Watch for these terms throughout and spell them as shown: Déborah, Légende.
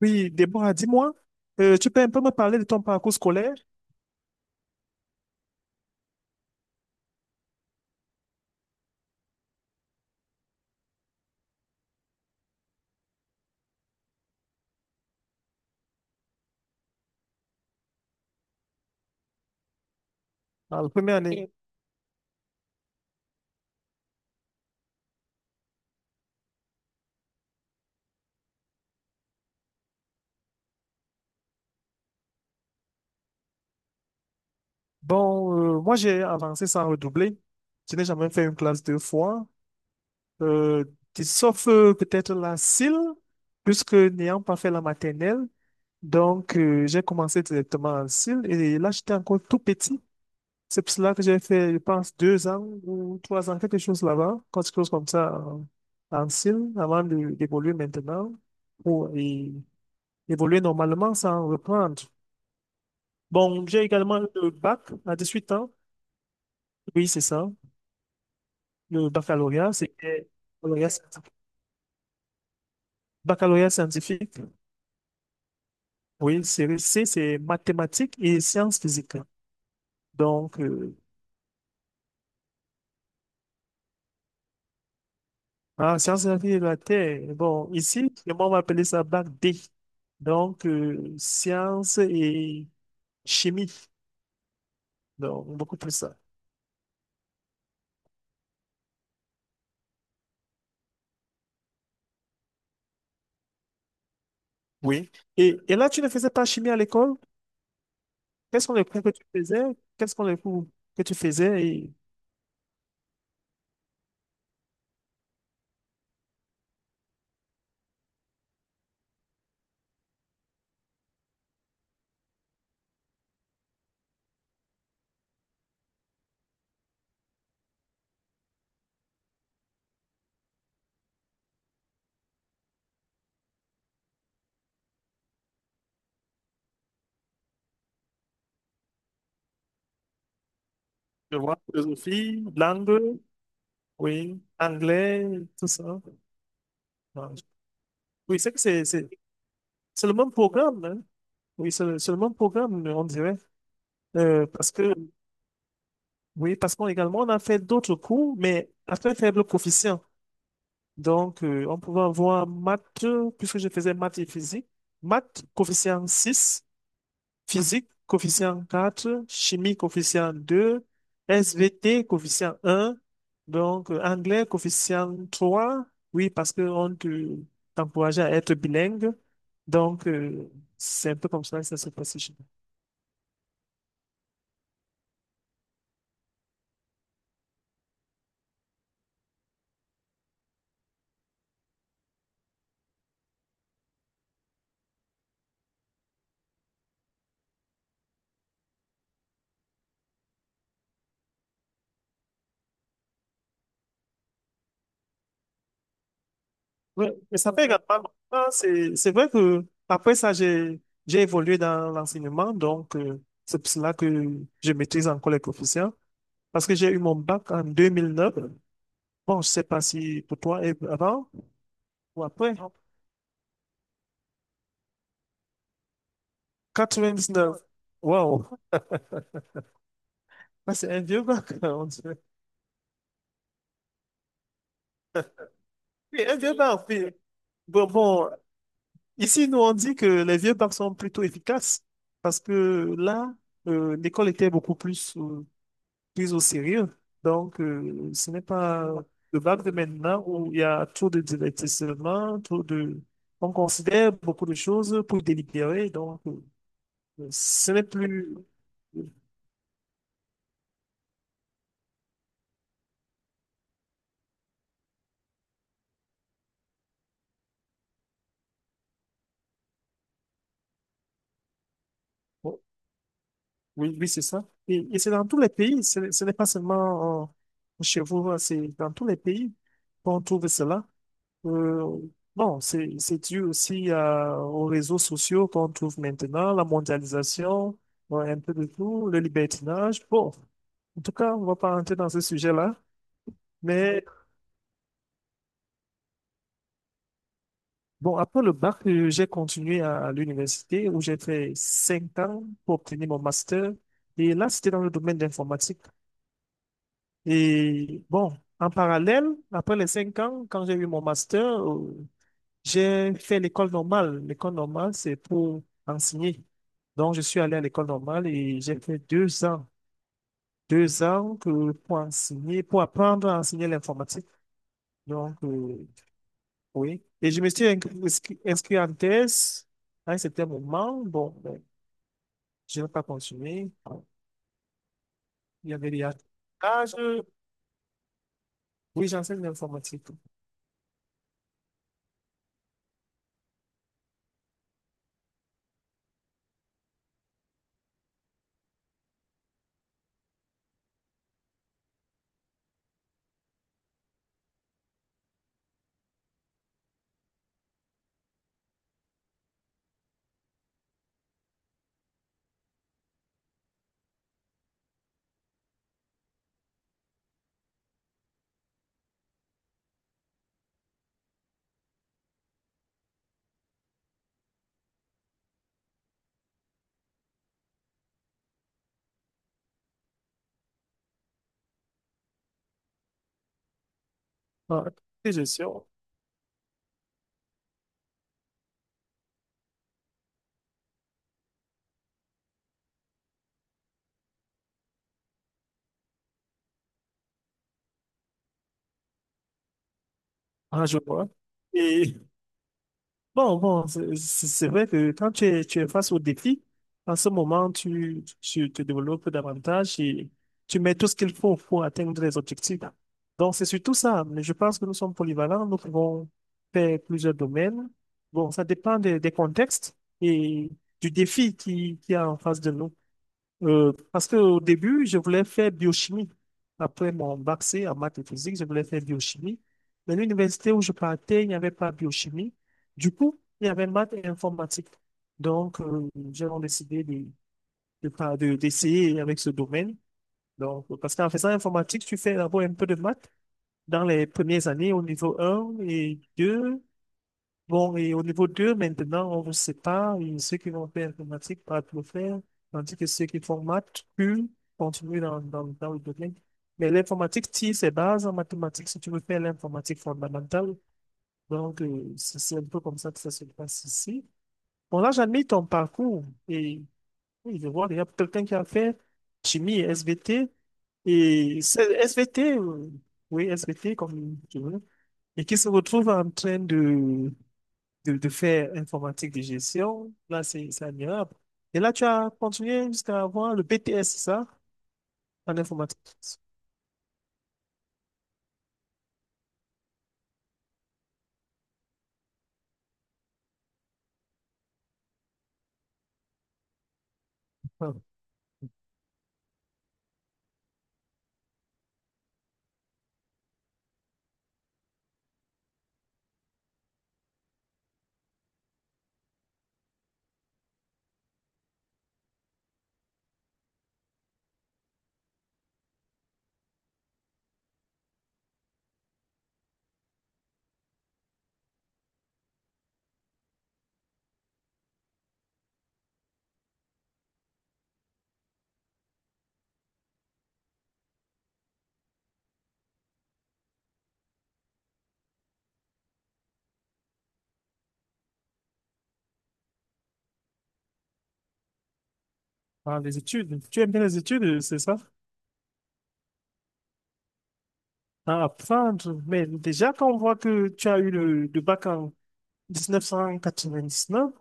Oui, Déborah, dis-moi, tu peux un peu me parler de ton parcours scolaire? En la première année, bon, moi j'ai avancé sans redoubler. Je n'ai jamais fait une classe deux fois. Euh, Sauf peut-être la cile, puisque n'ayant pas fait la maternelle, donc j'ai commencé directement en cile et là j'étais encore tout petit. C'est pour cela que j'ai fait, je pense, deux ans ou trois ans, quelque chose là-bas, quelque chose comme ça en, en cile, d'évoluer maintenant pour et évoluer normalement sans reprendre. Bon, j'ai également eu le bac à 18 ans. Oui, c'est ça. Le baccalauréat, c'était baccalauréat scientifique. Baccalauréat scientifique. Oui, série C, c'est mathématiques et sciences physiques. Donc, ah, sciences de la vie et de la Terre. Bon, ici, moi, on va appeler ça bac D. Donc, sciences et chimie. Donc, beaucoup plus ça. Oui. Et là, tu ne faisais pas chimie à l'école? Quels sont les cours que tu faisais? Quels sont les cours que tu faisais? Et, je vois, philosophie, langue, oui, anglais, tout ça. Ah, oui, c'est que c'est le même programme, hein. Oui, c'est le même programme, on dirait. Euh, parce que, oui, parce qu'on également, on a fait d'autres cours, mais à très faible coefficient. Donc, on pouvait avoir maths, puisque je faisais maths et physique, maths coefficient 6, physique coefficient 4, chimie coefficient 2, SVT coefficient 1, donc anglais coefficient 3, oui, parce qu'on t'encourageait à être bilingue. Donc, c'est un peu comme ça que ça se passe. Oui, mais ça fait également longtemps. C'est vrai que après ça, j'ai évolué dans l'enseignement. Donc, c'est pour cela que je maîtrise encore les coefficients. Parce que j'ai eu mon bac en 2009. Bon, je sais pas si pour toi et avant ou après. 99. Wow. Ça, c'est un vieux bac, on dirait. Oui, un vieux bac, oui. Bon, bon, ici, nous, on dit que les vieux bacs sont plutôt efficaces. Parce que là, l'école était beaucoup plus, prise au sérieux. Donc, ce n'est pas le bac de maintenant où il y a trop de divertissement, trop de… On considère beaucoup de choses pour délibérer, donc ce n'est plus… Oh, oui, oui, c'est ça. Et c'est dans tous les pays, n'est ce n'est pas seulement chez vous, hein, c'est dans tous les pays qu'on trouve cela. Euh, bon, c'est dû aussi aux réseaux sociaux qu'on trouve maintenant, la mondialisation, ouais, un peu de tout, le libertinage. Bon, en tout cas, on va pas rentrer dans ce sujet-là. Mais bon, après le bac, j'ai continué à l'université où j'ai fait 5 ans pour obtenir mon master. Et là, c'était dans le domaine d'informatique. Et bon, en parallèle, après les 5 ans, quand j'ai eu mon master, j'ai fait l'école normale. L'école normale, c'est pour enseigner. Donc, je suis allé à l'école normale et j'ai fait 2 ans. Pour enseigner, pour apprendre à enseigner l'informatique. Donc, oui. Et je me suis inscrit en thèse à un certain moment. Bon, ben, je n'ai pas continué. Il y avait des arbitrages. Oui, j'enseigne l'informatique. Ah, et je suis en en joueur. Bon, bon, c'est vrai que quand tu es face au défi, en ce moment, tu te développes davantage et tu mets tout ce qu'il faut pour atteindre les objectifs. Donc, c'est surtout ça. Mais je pense que nous sommes polyvalents, nous pouvons faire plusieurs domaines. Bon, ça dépend des contextes et du défi qui est en face de nous. Parce qu'au début, je voulais faire biochimie. Après mon bac C en maths et physique, je voulais faire biochimie. Mais l'université où je partais, il n'y avait pas biochimie. Du coup, il y avait maths et informatique. Donc, j'ai donc décidé d'essayer avec ce domaine. Donc, parce qu'en faisant informatique, tu fais d'abord un peu de maths dans les premières années au niveau 1 et 2. Bon, et au niveau 2 maintenant, on vous sépare. Et ceux qui vont faire informatique peuvent le faire, tandis que ceux qui font maths, eux, continuent dans le domaine. Mais l'informatique tire ses bases en mathématiques si tu veux faire l'informatique fondamentale. Donc, c'est un peu comme ça que ça se passe ici. Bon, là, j'admire ton parcours. Et oui, je vois, il y a quelqu'un qui a fait chimie, SVT, et c'est SVT, oui, SVT, comme tu veux, et qui se retrouve en train de de faire informatique de gestion. Là, c'est admirable. Et là, tu as continué jusqu'à avoir le BTS, c'est ça? En informatique. Ah. Ah, les études. Tu aimes bien les études, c'est ça? À apprendre. Mais déjà, quand on voit que tu as eu le bac en 1999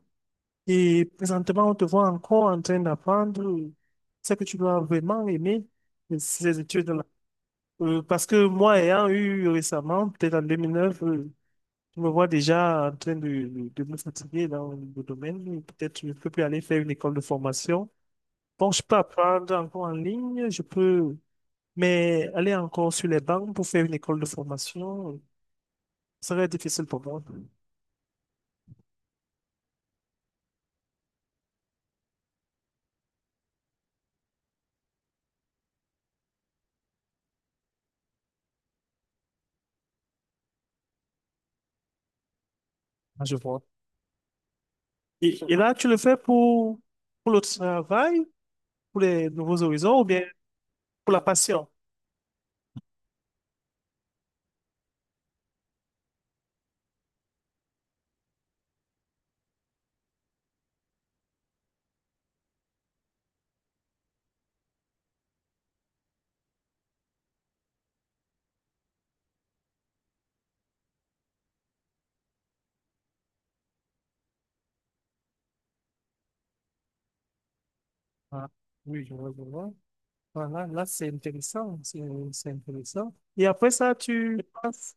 et présentement, on te voit encore en train d'apprendre, c'est que tu dois vraiment aimer ces études-là. Parce que moi, ayant eu récemment, peut-être en 2009, je me vois déjà en train de me fatiguer dans le domaine. Peut-être je ne peux plus aller faire une école de formation. Bon, je peux apprendre encore en ligne, je peux, mais aller encore sur les bancs pour faire une école de formation. Ça va être difficile pour moi. Ah, je vois. Et là, tu le fais pour le travail, pour les nouveaux horizons ou bien pour la passion? Ah, oui, je vois, je vois. Voilà, là, c'est intéressant, c'est intéressant. Et après ça, tu passes.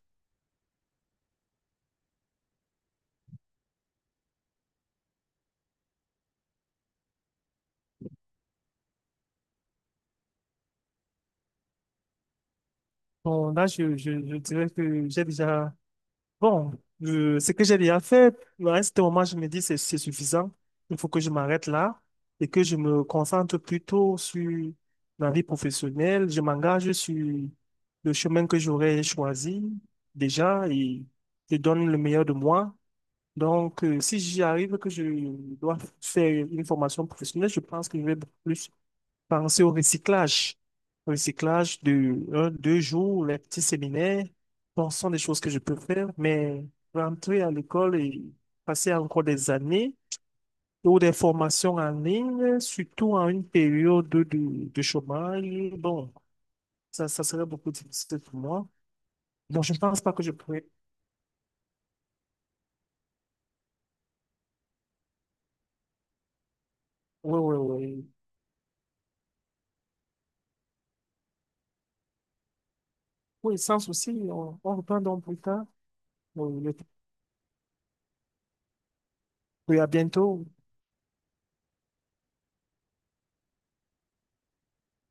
Bon, là, je dirais que j'ai déjà. Bon, ce que j'ai déjà fait, à ce moment, je me dis c'est suffisant. Il faut que je m'arrête là et que je me concentre plutôt sur ma vie professionnelle. Je m'engage sur le chemin que j'aurais choisi déjà et je donne le meilleur de moi. Donc, si j'y arrive que je dois faire une formation professionnelle, je pense que je vais beaucoup plus penser au recyclage. Recyclage de un, deux jours, les petits séminaires. Bon, ce sont des choses que je peux faire, mais rentrer à l'école et passer encore des années ou des formations en ligne, surtout en une période de chômage, bon, ça serait beaucoup difficile pour moi. Donc, je ne pense pas que je pourrais. Oui, oui, oui. Oui, sans souci, on reprend donc plus tard. Oui, le Oui, à bientôt.